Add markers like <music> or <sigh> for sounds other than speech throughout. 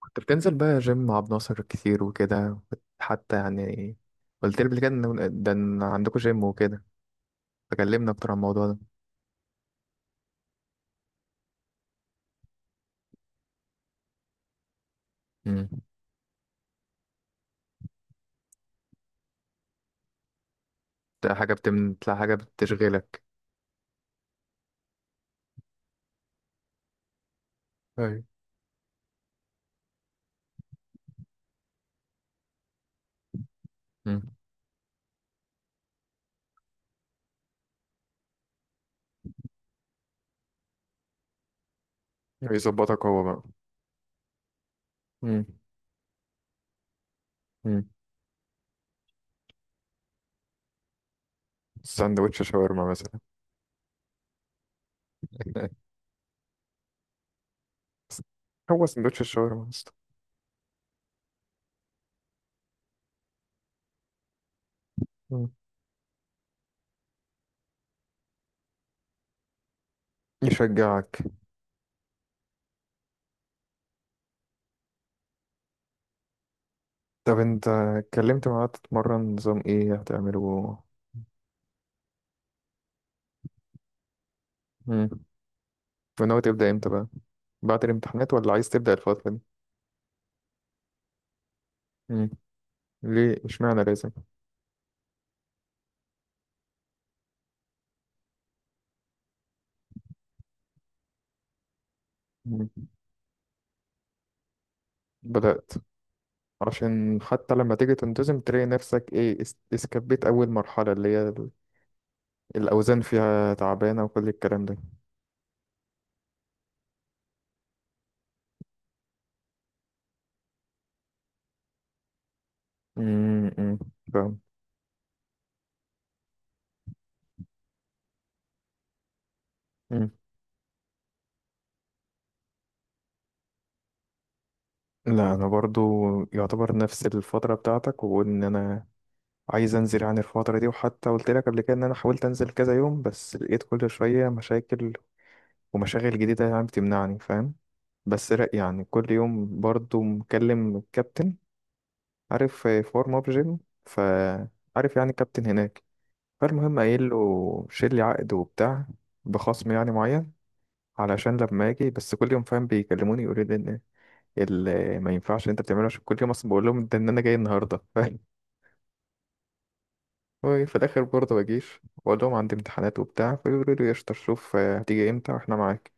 كنت بتنزل بقى جيم مع ابو ناصر كتير وكده، كنت حتى يعني قلت لي قبل كده إن ده إن عندكم جيم وكده، فكلمنا أكتر عن الموضوع ده. امم. ده حاجة تطلع، حاجة بتشغلك؟ ايوه. مم. يظبطك هو بقى؟ مم. امم. ساندوتش شاورما مثلا؟ <laughs> هو ساندوتش الشاورما اصلا. مم. يشجعك؟ طب انت اتكلمت معاه تتمرن نظام ايه هتعمله؟ مم. وناوي تبدأ امتى بقى؟ بعد الامتحانات ولا عايز تبدأ الفترة دي؟ مم. ليه اشمعنى لازم؟ مم. بدأت؟ عشان حتى لما تيجي تنتظم تلاقي نفسك ايه، اسكبيت أول مرحلة اللي هي الأوزان فيها تعبانة وكل الكلام ده. مم، مم. فاهم. مم. لا، أنا برضو يعتبر نفس الفترة بتاعتك، وإن أنا عايز أنزل عن الفترة دي، وحتى قلت لك قبل كده إن أنا حاولت أنزل كذا يوم بس لقيت كل شوية مشاكل ومشاغل جديدة يعني بتمنعني، فاهم؟ بس لا، يعني كل يوم برضو مكلم الكابتن، عارف؟ حوار موب جيم. فعارف يعني الكابتن هناك. فالمهم قايل له شيل لي عقد وبتاع بخصم يعني معين، علشان لما اجي بس كل يوم، فاهم؟ بيكلموني يقولوا لي ان ما ينفعش اللي انت بتعمله، عشان كل يوم اصلا بقول لهم ده ان انا جاي النهارده، فاهم؟ وفي الاخر برضه بجيش واقول لهم عندي امتحانات وبتاع، فيقولوا لي قشطه، شوف هتيجي امتى واحنا معاك.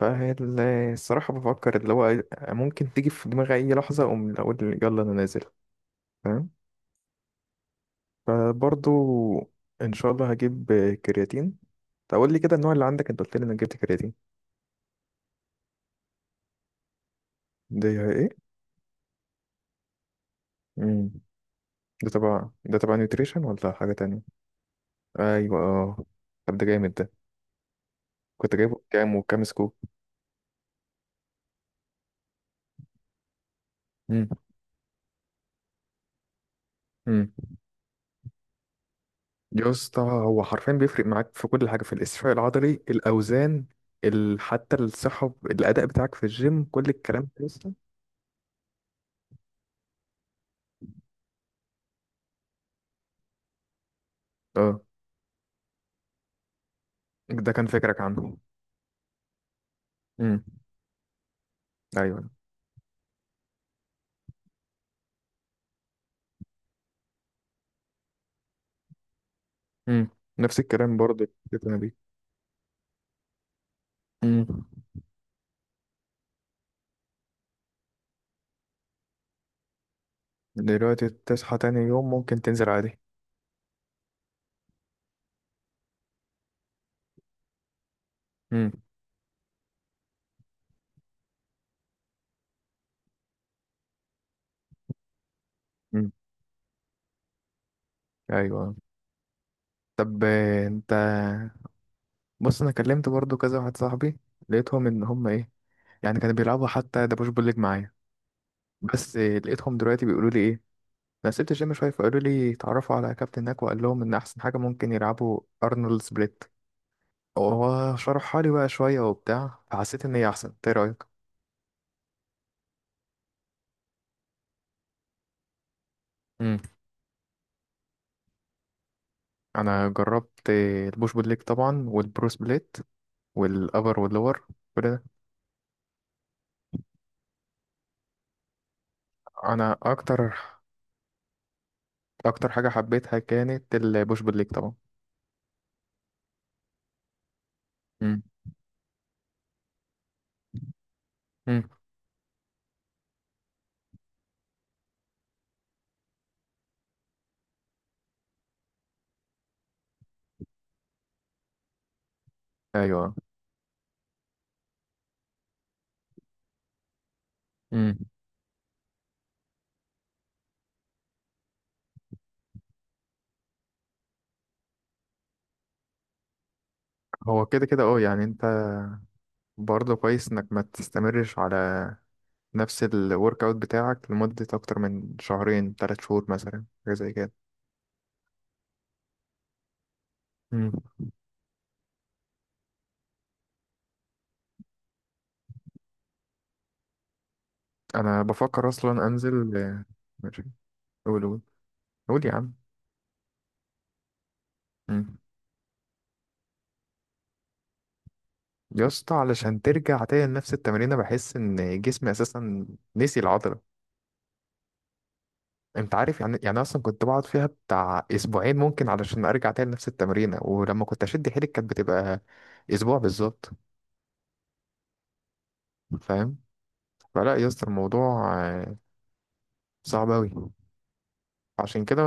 فالصراحة بفكر اللي هو ممكن تيجي في دماغي أي لحظة أقوم أقول يلا أنا نازل، فاهم؟ فبرضو ان شاء الله هجيب كرياتين. تقول لي كده النوع اللي عندك، انت قلت لي انا جبت كرياتين. ده ايه؟ امم. ده تبع نيوتريشن ولا حاجه تانية؟ ايوه، اه. طب ده جامد ده. كنت جايبه كام وكام سكوب؟ امم. امم. يا اسطى هو حرفيا بيفرق معاك في كل حاجه، في الاستشفاء العضلي، الاوزان، حتى الصحه، الاداء بتاعك في الجيم، كل الكلام ده لسه. اه. ده كان فكرك عنه. امم. ايوه. امم. نفس الكلام برضه. اللي أنا بيه. امم. دلوقتي تصحى تاني يوم ممكن تنزل عادي. امم. امم. ايوه. طب انت بص، انا كلمت برضو كذا واحد صاحبي، لقيتهم ان هم ايه، يعني كانوا بيلعبوا حتى دبوش بوليج معايا. بس لقيتهم دلوقتي بيقولوا لي ايه، انا سبت الجيم شويه، فقالوا لي اتعرفوا على كابتن هناك، وقال لهم ان احسن حاجه ممكن يلعبوا ارنولد سبليت، هو شرحها لي بقى شويه وبتاع، فحسيت ان هي احسن. إنت ايه رايك؟ امم. انا جربت البوش بول ليج طبعا، والبرو سبليت والابر واللور، كل. انا اكتر اكتر حاجه حبيتها كانت البوش بول ليج طبعا. امم. امم. ايوه. امم. هو كده كده، اه يعني انت برضه كويس انك ما تستمرش على نفس الورك اوت بتاعك لمده اكتر من شهرين 3 شهور مثلا، حاجه زي كده. امم. انا بفكر اصلا انزل ماشي. قول قول. قول يا عم. امم. يا اسطى علشان ترجع تاني لنفس التمرين بحس ان جسمي اساسا نسي العضله. انت عارف يعني اصلا كنت بقعد فيها بتاع اسبوعين ممكن علشان ارجع تاني نفس التمرينه، ولما كنت اشد حيلي كانت بتبقى اسبوع بالظبط، فاهم؟ فلا يا اسطى الموضوع صعب اوي. عشان كده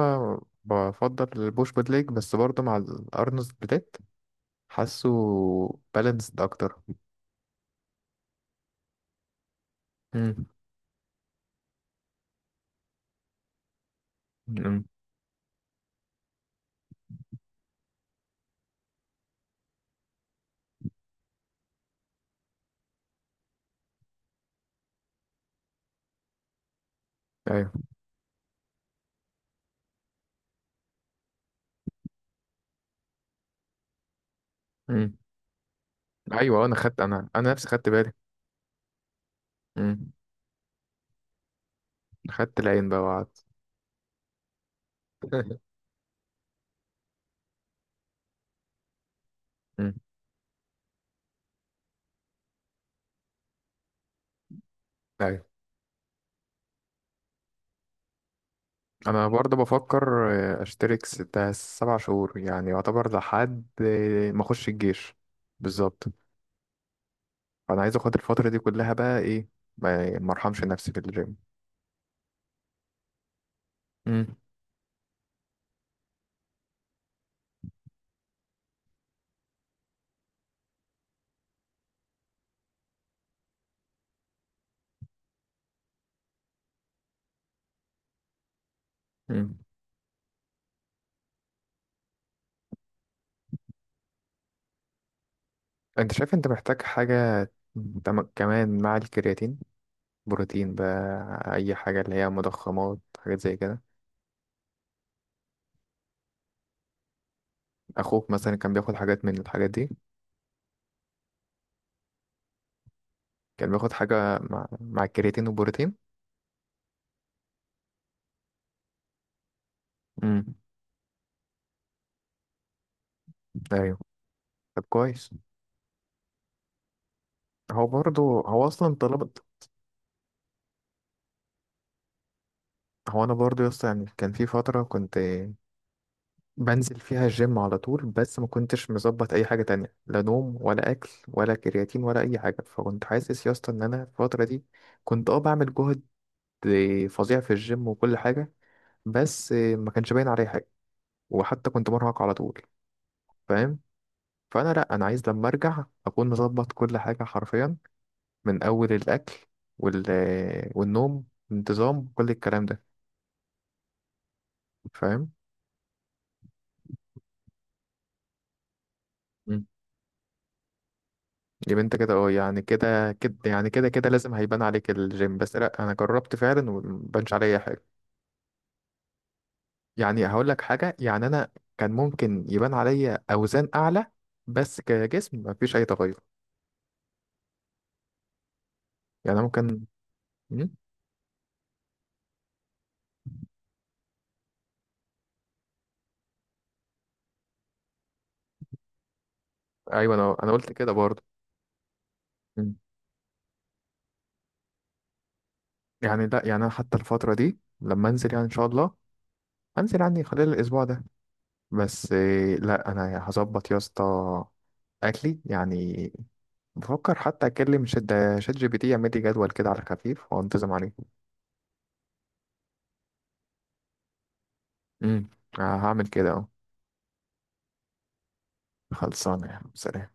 بفضل البوش بود ليج، بس برضه مع الارنولد سبليت حاسه بالانسد اكتر. امم. امم. ايوه. امم. ايوه، انا خدت، انا نفسي خدت بالي. امم. خدت العين بقى وقعدت. <laughs> امم. ايوه. انا برضه بفكر اشترك 6 7 شهور، يعني يعتبر لحد ما اخش الجيش. بالظبط. فانا عايز اخد الفتره دي كلها بقى ايه، ما ارحمش نفسي في الجيم. امم. امم. انت شايف انت محتاج حاجه كمان مع الكرياتين، بروتين بقى اي حاجه اللي هي مضخمات، حاجات زي كده؟ اخوك مثلا كان بياخد حاجات من الحاجات دي؟ كان بياخد حاجه مع الكرياتين والبروتين. امم. ايوه. طب كويس. هو برضه، هو اصلا طلب. هو انا برضو يا اسطى يعني كان في فتره كنت بنزل فيها الجيم على طول، بس ما كنتش مظبط اي حاجه تانية، لا نوم ولا اكل ولا كرياتين ولا اي حاجه، فكنت حاسس يا اسطى ان انا في الفتره دي كنت بعمل جهد فظيع في الجيم وكل حاجه، بس ما كانش باين عليه حاجه، وحتى كنت مرهق على طول، فاهم؟ فانا لا، انا عايز لما ارجع اكون مظبط كل حاجه حرفيا، من اول الاكل وال والنوم، انتظام كل الكلام ده. فاهم؟ جيب انت كده اه، يعني كده كده، يعني كده كده لازم هيبان عليك الجيم، بس لا، انا جربت فعلا ومبانش عليا حاجه. يعني هقول لك حاجه، يعني انا كان ممكن يبان عليا اوزان اعلى بس كجسم مفيش اي تغير. يعني أنا ممكن. مم؟ ايوه انا قلت كده برضه. مم. يعني لا، يعني انا حتى الفتره دي لما انزل، يعني ان شاء الله هنزل يعني خلال الاسبوع ده، بس لا، انا هظبط يا اسطى اكلي يعني. بفكر حتى اكلم شات جي بي تي يعمل لي جدول كده على خفيف وانتظم عليه. امم. هعمل كده اهو. خلصانه يا عم. سلام.